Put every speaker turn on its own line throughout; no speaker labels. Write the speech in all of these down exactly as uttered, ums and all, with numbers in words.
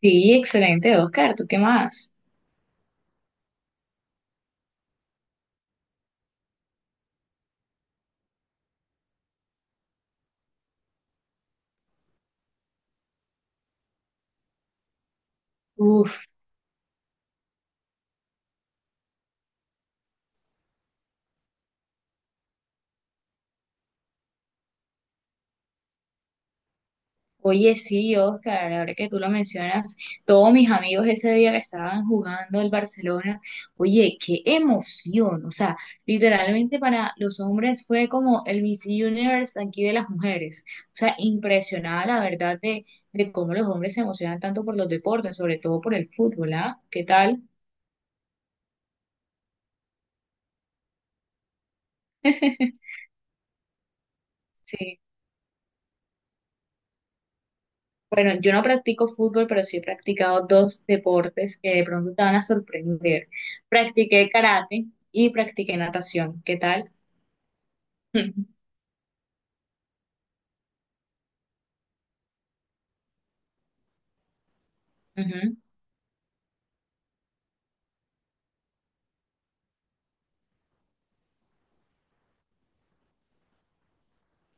Sí, excelente, Oscar. ¿Tú qué más? Uf, oye, sí, Oscar, ahora que tú lo mencionas, todos mis amigos ese día que estaban jugando el Barcelona, oye, qué emoción. O sea, literalmente para los hombres fue como el Miss Universe aquí de las mujeres. O sea, impresionada la verdad de, de cómo los hombres se emocionan tanto por los deportes, sobre todo por el fútbol, ¿ah? ¿Qué tal? Sí. Bueno, yo no practico fútbol, pero sí he practicado dos deportes que de pronto te van a sorprender. Practiqué karate y practiqué natación. ¿Qué tal? Ujú.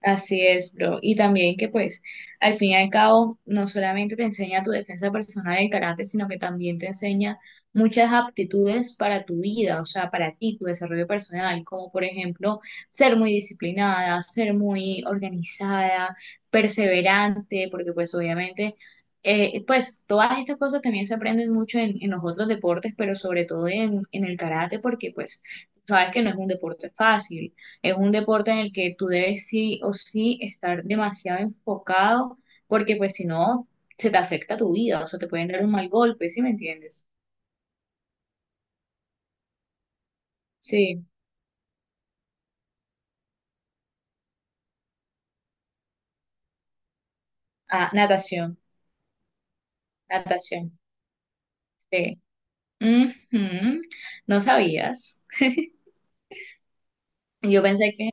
Así es, bro. Y también que pues al fin y al cabo no solamente te enseña tu defensa personal y el carácter, sino que también te enseña muchas aptitudes para tu vida, o sea, para ti, tu desarrollo personal, como por ejemplo ser muy disciplinada, ser muy organizada, perseverante, porque pues obviamente, eh, pues todas estas cosas también se aprenden mucho en, en los otros deportes, pero sobre todo en, en el karate, porque pues sabes que no es un deporte fácil, es un deporte en el que tú debes sí o sí estar demasiado enfocado, porque pues si no, se te afecta tu vida, o sea, te pueden dar un mal golpe, ¿sí me entiendes? Sí. Ah, natación, natación, sí. Ujú. No sabías. Yo pensé que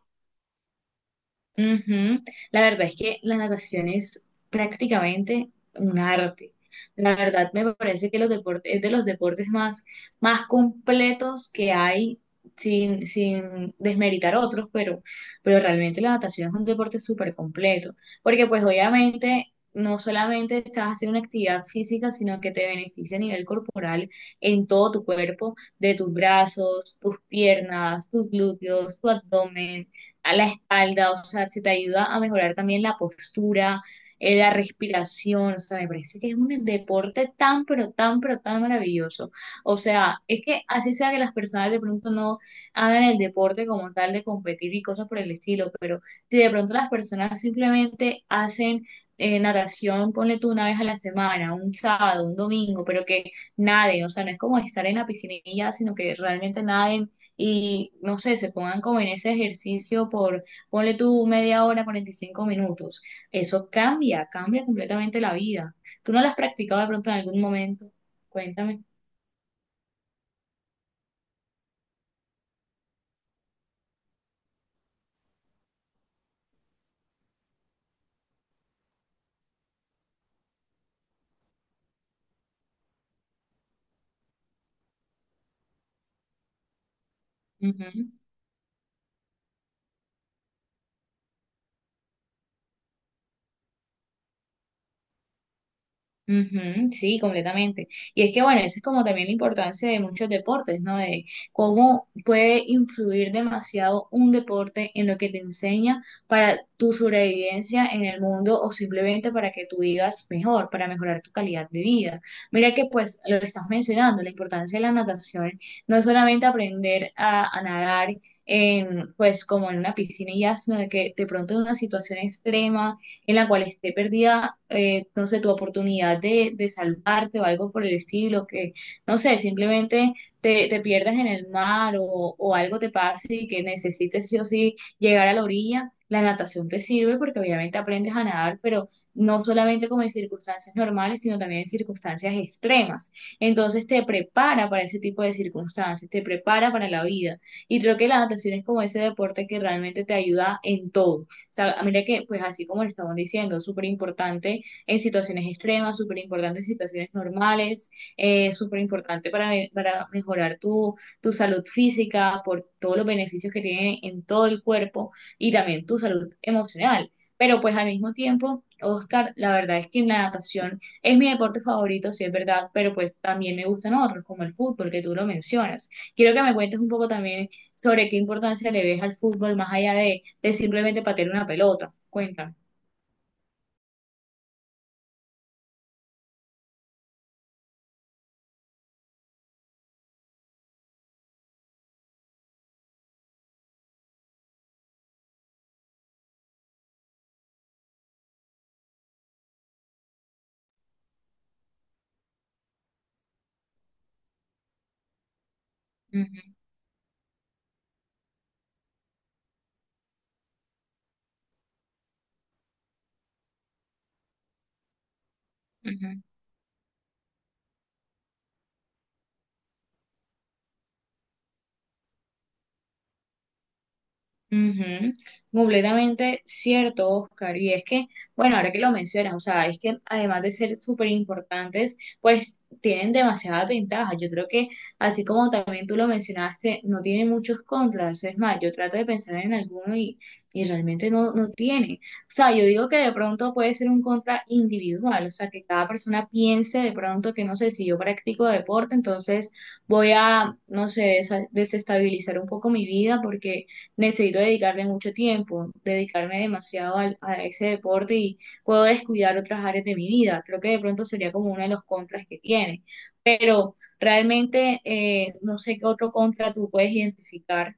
Ujú. La verdad es que la natación es prácticamente un arte. La verdad me parece que los deportes, es de los deportes más, más completos que hay, sin, sin desmeritar otros, pero, pero realmente la natación es un deporte súper completo, porque pues obviamente no solamente estás haciendo una actividad física, sino que te beneficia a nivel corporal en todo tu cuerpo, de tus brazos, tus piernas, tus glúteos, tu abdomen a la espalda, o sea, se te ayuda a mejorar también la postura, eh, la respiración, o sea, me parece que es un deporte tan, pero tan, pero tan maravilloso. O sea, es que así sea que las personas de pronto no hagan el deporte como tal de competir y cosas por el estilo, pero si de pronto las personas simplemente hacen eh, natación, ponle tú una vez a la semana, un sábado, un domingo, pero que naden, o sea, no es como estar en la piscinilla, sino que realmente naden y no sé, se pongan como en ese ejercicio por, ponle tú media hora, cuarenta y cinco minutos. Eso cambia, cambia completamente la vida. ¿Tú no lo has practicado de pronto en algún momento? Cuéntame. Ujú, sí, completamente. Y es que, bueno, eso es como también la importancia de muchos deportes, ¿no? De cómo puede influir demasiado un deporte en lo que te enseña para tu sobrevivencia en el mundo o simplemente para que tú vivas mejor, para mejorar tu calidad de vida. Mira que, pues, lo que estás mencionando, la importancia de la natación, no es solamente aprender a, a nadar en, pues, como en una piscina y ya, sino de que de pronto en una situación extrema en la cual esté perdida, eh, no sé, tu oportunidad de, de salvarte o algo por el estilo, que, no sé, simplemente te, te pierdas en el mar o, o algo te pase y que necesites sí o sí llegar a la orilla. La natación te sirve porque obviamente aprendes a nadar, pero no solamente como en circunstancias normales, sino también en circunstancias extremas. Entonces te prepara para ese tipo de circunstancias, te prepara para la vida. Y creo que la natación es como ese deporte que realmente te ayuda en todo. O sea, mira que, pues así como le estamos diciendo, súper importante en situaciones extremas, súper importante en situaciones normales, eh, súper importante para, para mejorar tu, tu salud física por todos los beneficios que tiene en todo el cuerpo y también tu salud emocional. Pero pues al mismo tiempo, Oscar, la verdad es que la natación es mi deporte favorito, sí es verdad, pero pues también me gustan otros, como el fútbol, que tú lo mencionas. Quiero que me cuentes un poco también sobre qué importancia le ves al fútbol, más allá de es simplemente patear una pelota, cuenta. Ujú, ujú. Ujú, completamente cierto, Oscar. Y es que, bueno, ahora que lo mencionas, o sea, es que además de ser súper importantes, pues tienen demasiadas ventajas. Yo creo que, así como también tú lo mencionaste, no tiene muchos contras. Es más, yo trato de pensar en alguno y, y realmente no, no tiene. O sea, yo digo que de pronto puede ser un contra individual, o sea, que cada persona piense de pronto que, no sé, si yo practico deporte, entonces voy a, no sé, desa- desestabilizar un poco mi vida porque necesito dedicarle mucho tiempo, dedicarme demasiado al- a ese deporte y puedo descuidar otras áreas de mi vida. Creo que de pronto sería como uno de los contras que tiene. Pero realmente eh, no sé qué otro contra tú puedes identificar.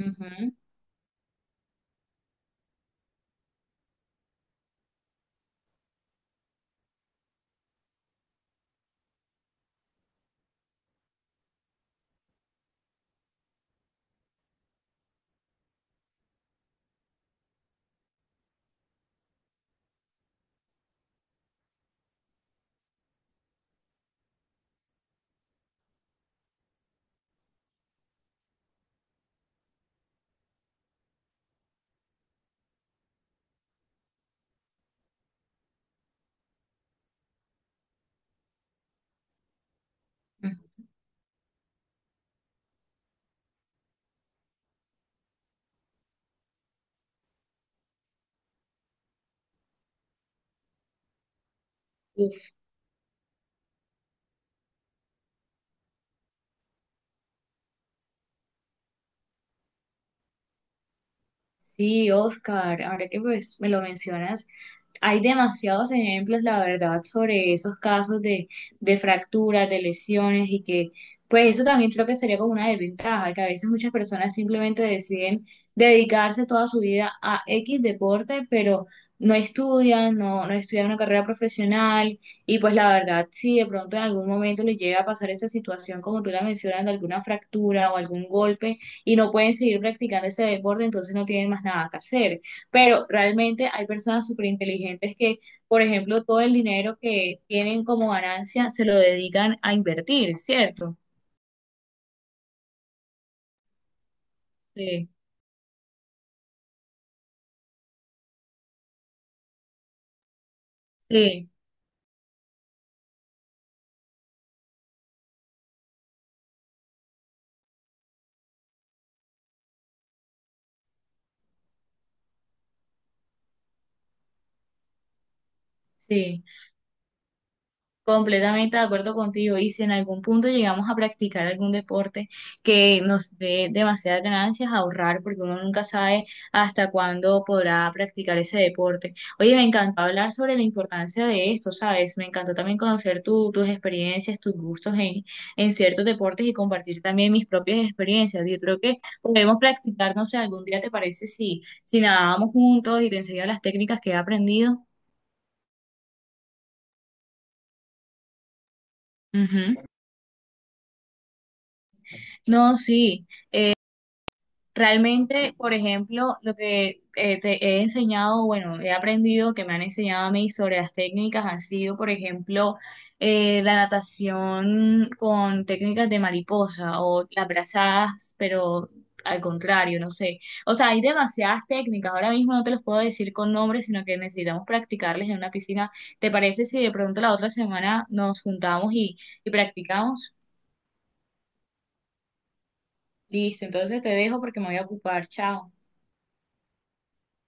Ujú, ujú. Sí, Oscar, ahora que pues me lo mencionas, hay demasiados ejemplos, la verdad, sobre esos casos de, de fracturas, de lesiones y que pues eso también creo que sería como una desventaja, que a veces muchas personas simplemente deciden dedicarse toda su vida a X deporte, pero no estudian, no, no estudian una carrera profesional y pues la verdad, si de pronto en algún momento les llega a pasar esta situación, como tú la mencionas, de alguna fractura o algún golpe, y no pueden seguir practicando ese deporte, entonces no tienen más nada que hacer. Pero realmente hay personas súper inteligentes que, por ejemplo, todo el dinero que tienen como ganancia se lo dedican a invertir, ¿cierto? Sí, sí, sí. Completamente de acuerdo contigo. Y si en algún punto llegamos a practicar algún deporte que nos dé demasiadas ganancias, ahorrar, porque uno nunca sabe hasta cuándo podrá practicar ese deporte. Oye, me encantó hablar sobre la importancia de esto, ¿sabes? Me encantó también conocer tu- tus experiencias, tus gustos en, en ciertos deportes y compartir también mis propias experiencias. Yo creo que podemos practicar, no sé, algún día te parece si, si nadábamos juntos y te enseño las técnicas que he aprendido. Ujú. No, sí. Realmente, por ejemplo, lo que eh, te he enseñado, bueno, he aprendido, que me han enseñado a mí sobre las técnicas, han sido, por ejemplo, eh, la natación con técnicas de mariposa o las brazadas, pero al contrario, no sé. O sea, hay demasiadas técnicas. Ahora mismo no te los puedo decir con nombres, sino que necesitamos practicarles en una piscina. ¿Te parece si de pronto la otra semana nos juntamos y, y practicamos? Listo, entonces te dejo porque me voy a ocupar. Chao.